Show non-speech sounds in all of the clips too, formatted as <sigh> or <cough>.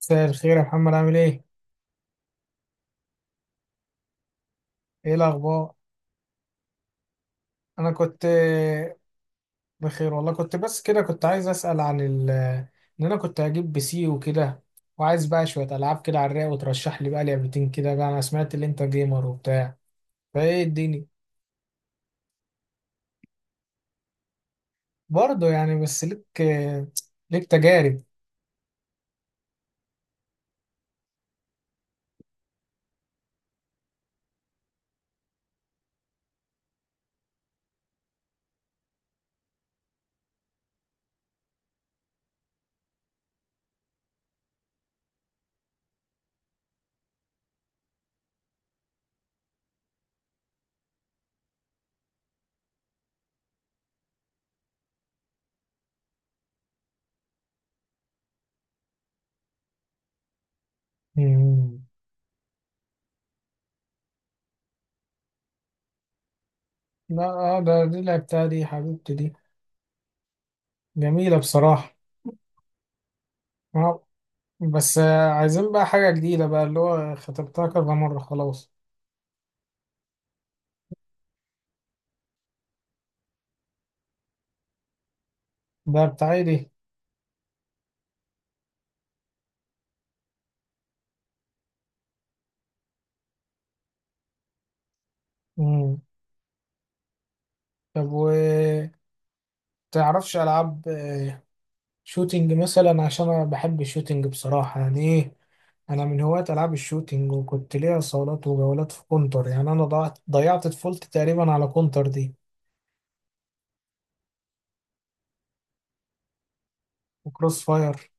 مساء الخير يا محمد، عامل ايه؟ ايه الأخبار؟ أنا كنت بخير والله. كنت بس كده كنت عايز أسأل عن ال إن أنا كنت هجيب بي سي وكده، وعايز بقى شوية ألعاب كده على الرايق، وترشح لي بقى لعبتين كده بقى. أنا سمعت إن أنت جيمر وبتاع، فايه الدنيا؟ برضه يعني. بس ليك ليك تجارب. مم. لا اه ده دي لعبتها، دي حبيبتي دي، جميلة بصراحة. آه، بس عايزين بقى حاجة جديدة بقى، اللي هو خطبتها كذا مرة خلاص. ده بتاعي دي. مم. طب و تعرفش ألعاب شوتينج مثلا؟ عشان أنا بحب الشوتينج بصراحة، يعني إيه، أنا من هواة ألعاب الشوتينج، وكنت ليا صولات وجولات في كونتر. يعني أنا ضيعت طفولتي تقريبا على كونتر دي وكروس فاير.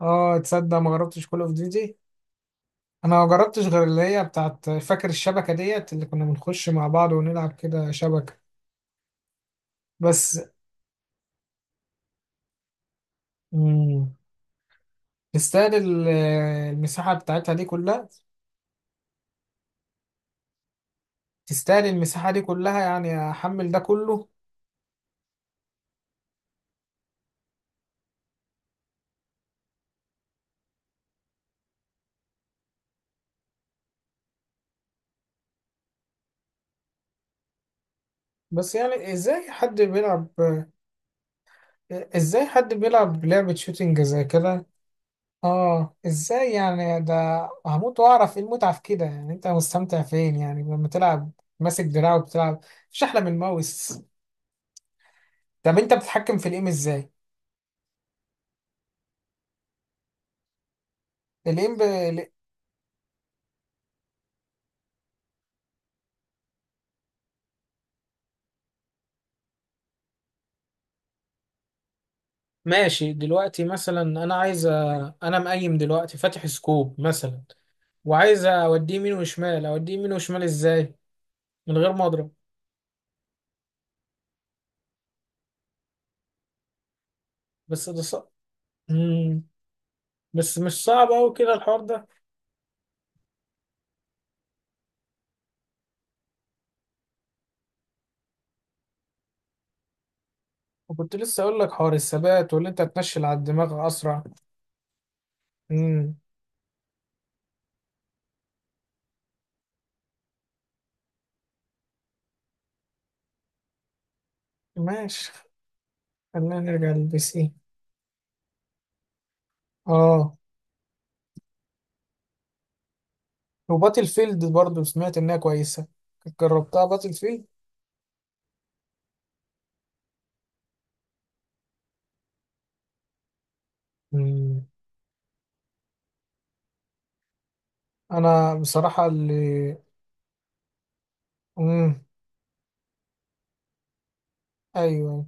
آه تصدق ما جربتش كول أوف ديوتي. أنا ما جربتش غير اللي هي بتاعت فاكر الشبكة ديت، اللي كنا بنخش مع بعض ونلعب كده شبكة بس. مم. تستاهل المساحة بتاعتها دي كلها؟ تستاهل المساحة دي كلها يعني أحمل ده كله؟ بس يعني ازاي حد بيلعب، ازاي حد بيلعب لعبة شوتينج زي كده؟ اه ازاي يعني ده؟ هموت واعرف ايه المتعة في كده. يعني انت مستمتع فين يعني لما تلعب ماسك دراع وبتلعب؟ مش احلى من الماوس؟ طب انت بتتحكم في الايم ازاي؟ الايم ماشي. دلوقتي مثلا انا انا مقيم دلوقتي، فاتح سكوب مثلا، وعايز اوديه يمين وشمال، اوديه يمين وشمال ازاي من غير ما اضرب؟ بس ده صعب. مم. بس مش صعب أوي كده الحوار ده. وكنت لسه اقول لك حوار الثبات، واللي انت تنشل على الدماغ اسرع. امم. ماشي. خلينا نرجع للبي ايه. اه، وباتل فيلد برضو سمعت انها كويسه. جربتها باتل فيلد؟ امم. انا بصراحه اللي، امم، ايوه.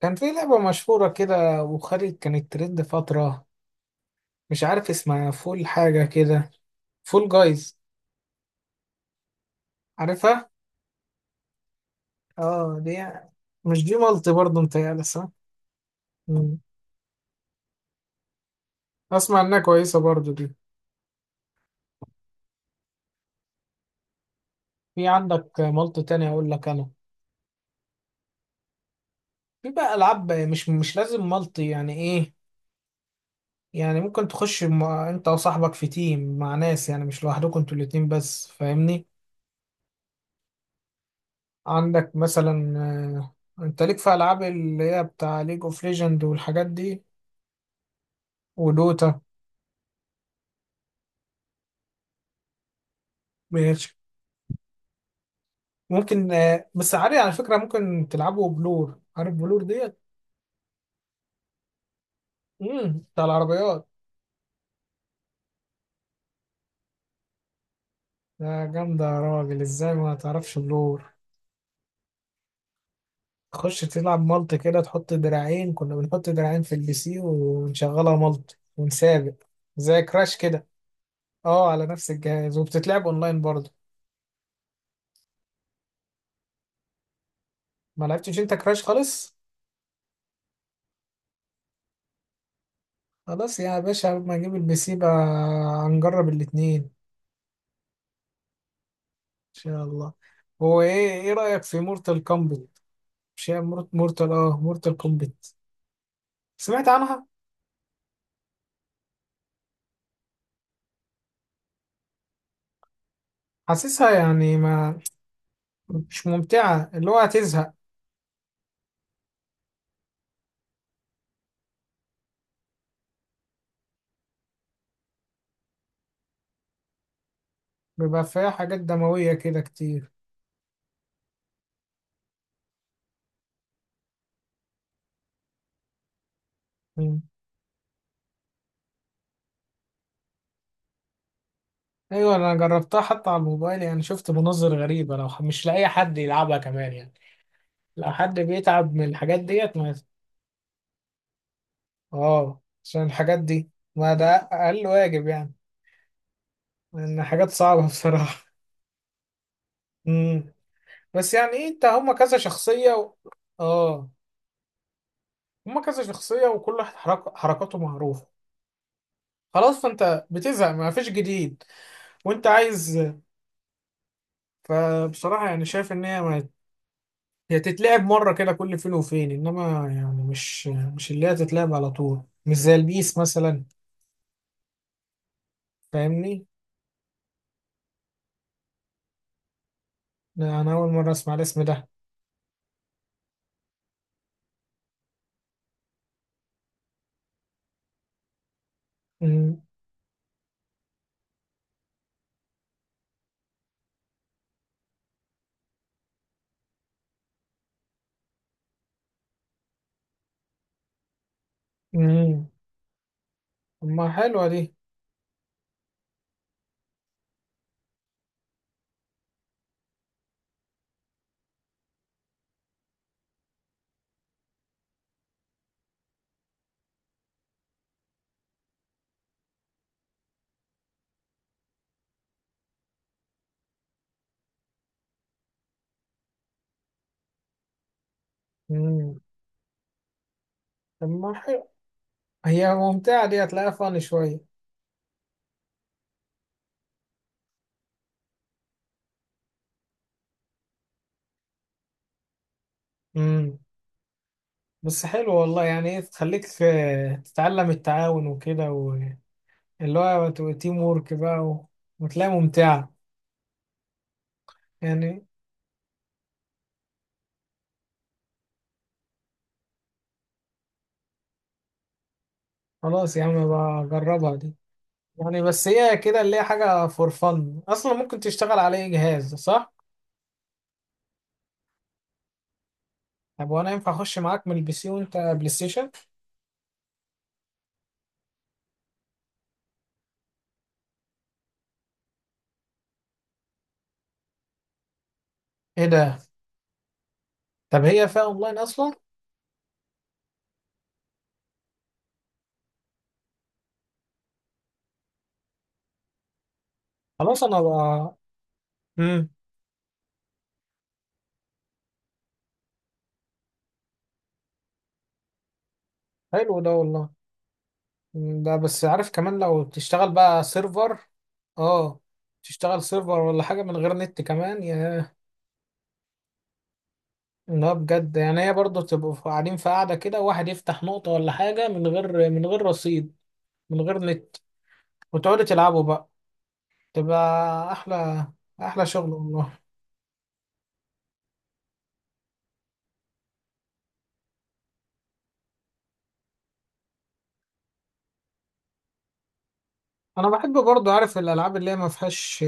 كان في لعبه مشهوره كده وخارج كانت ترند فتره، مش عارف اسمها، فول حاجه كده، فول جايز، عارفها؟ اه دي يعني، مش دي مالتي برضو متهيألي صح؟ امم. اسمع انها كويسه برضو دي. في عندك مالتي تاني اقول لك انا. في بقى العاب مش لازم مالتي، يعني ايه، يعني ممكن تخش مع انت وصاحبك في تيم مع ناس، يعني مش لوحدكم انتوا الاتنين بس، فاهمني؟ عندك مثلا انت ليك في العاب اللي هي بتاع ليج اوف ليجند والحاجات دي، ودوتا. ماشي. ممكن بس عادي على فكرة، ممكن تلعبوا بلور، عارف بلور ديت؟ امم، بتاع العربيات. ده جامدة يا راجل، ازاي ما تعرفش بلور؟ تخش تلعب مالت كده، تحط دراعين، كنا بنحط دراعين في البي سي ونشغلها مالت ونسابق، زي كراش كده. اه، على نفس الجهاز وبتتلعب اونلاين برضه. ما لعبتش انت كراش خالص؟ خلاص يا باشا، لما اجيب البي سي بقى هنجرب الاتنين ان شاء الله. هو ايه، ايه رأيك في مورتال كومبت؟ مش هي مورت، مورتال، اه مورتال كومبت. سمعت عنها. حاسسها يعني ما، مش ممتعة، اللي هو هتزهق. بيبقى فيها حاجات دموية كده كتير. ايوه انا جربتها حتى على الموبايل، يعني شفت مناظر غريبه. لو مش لاقي حد يلعبها كمان يعني. لو حد بيتعب من الحاجات ديت ما، اه عشان الحاجات دي، ما ده اقل واجب يعني، لان حاجات صعبه <laughs> بصراحه. امم. بس يعني إيه، انت هما كذا شخصيه و... اه، هما كذا شخصيه، وكل واحد حرك... حركاته معروفه، خلاص فانت بتزهق، ما فيش جديد وانت عايز. فبصراحه يعني شايف ان هي ما، هي تتلعب مرة كده كل فين وفين، إنما يعني مش اللي هي تتلعب على طول، مش زي البيس مثلا، فاهمني؟ لا، أنا أول مرة أسمع الاسم ده. مم. مم. طب ما حلوة دي. مم. طب ما حلوة، هي ممتعة دي، هتلاقيها فن شوية. مم. بس حلو والله، يعني إيه تخليك تتعلم التعاون وكده، واللي هو تيم وورك بقى وتلاقيها ممتعة يعني. خلاص يا عم بجربها دي، يعني بس هي كده اللي هي حاجة فور فن أصلا، ممكن تشتغل على أي جهاز صح؟ طب وأنا ينفع أخش معاك من البي سي وأنت بلاي ستيشن؟ إيه ده؟ طب هي فيها أونلاين أصلا؟ خلاص أنا بقى. مم. حلو ده والله. مم، ده بس عارف كمان لو تشتغل بقى سيرفر. أه، تشتغل سيرفر ولا حاجة من غير نت كمان يا، لا بجد يعني، هي برضه تبقوا قاعدين في قاعدة كده، واحد يفتح نقطة ولا حاجة من غير، رصيد، من غير نت، وتقعدوا تلعبوا بقى، تبقى أحلى، احلى شغل والله. انا بحب برضه عارف الالعاب اللي هي ما فيهاش،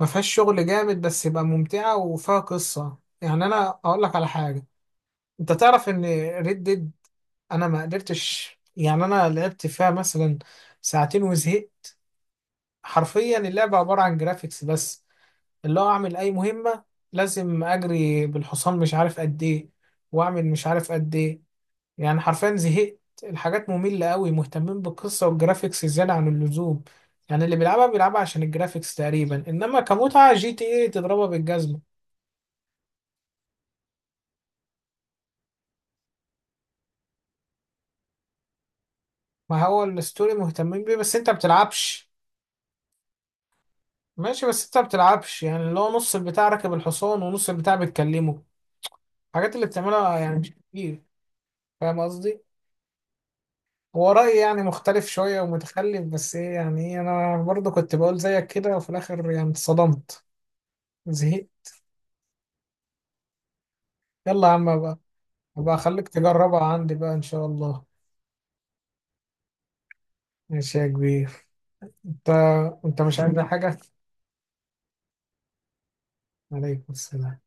ما فيهاش شغل جامد بس يبقى ممتعه وفيها قصه. يعني انا اقول لك على حاجه، انت تعرف ان ريد ديد، انا ما قدرتش، يعني انا لعبت فيها مثلا ساعتين وزهقت. حرفيا اللعبه عباره عن جرافيكس بس، اللي هو اعمل اي مهمه لازم اجري بالحصان مش عارف قد ايه، واعمل مش عارف قد ايه. يعني حرفيا زهقت، الحاجات مملة قوي، مهتمين بالقصة والجرافيكس زيادة عن اللزوم، يعني اللي بيلعبها بيلعبها عشان الجرافيكس تقريبا، انما كمتعة جي تي ايه تضربها بالجزمة. ما هو الستوري مهتمين بيه بس انت بتلعبش. ماشي بس انت بتلعبش، يعني اللي هو نص البتاع راكب الحصان ونص البتاع بتكلمه، الحاجات اللي بتعملها يعني مش كتير، فاهم قصدي؟ هو رأيي يعني مختلف شوية ومتخلف، بس ايه يعني ايه، انا برضه كنت بقول زيك كده وفي الاخر يعني اتصدمت، زهقت. يلا يا عم بقى، أبقى أخليك تجربها عندي بقى إن شاء الله. ماشي يا كبير. أنت، أنت مش عايز حاجة؟ عليكم السلام.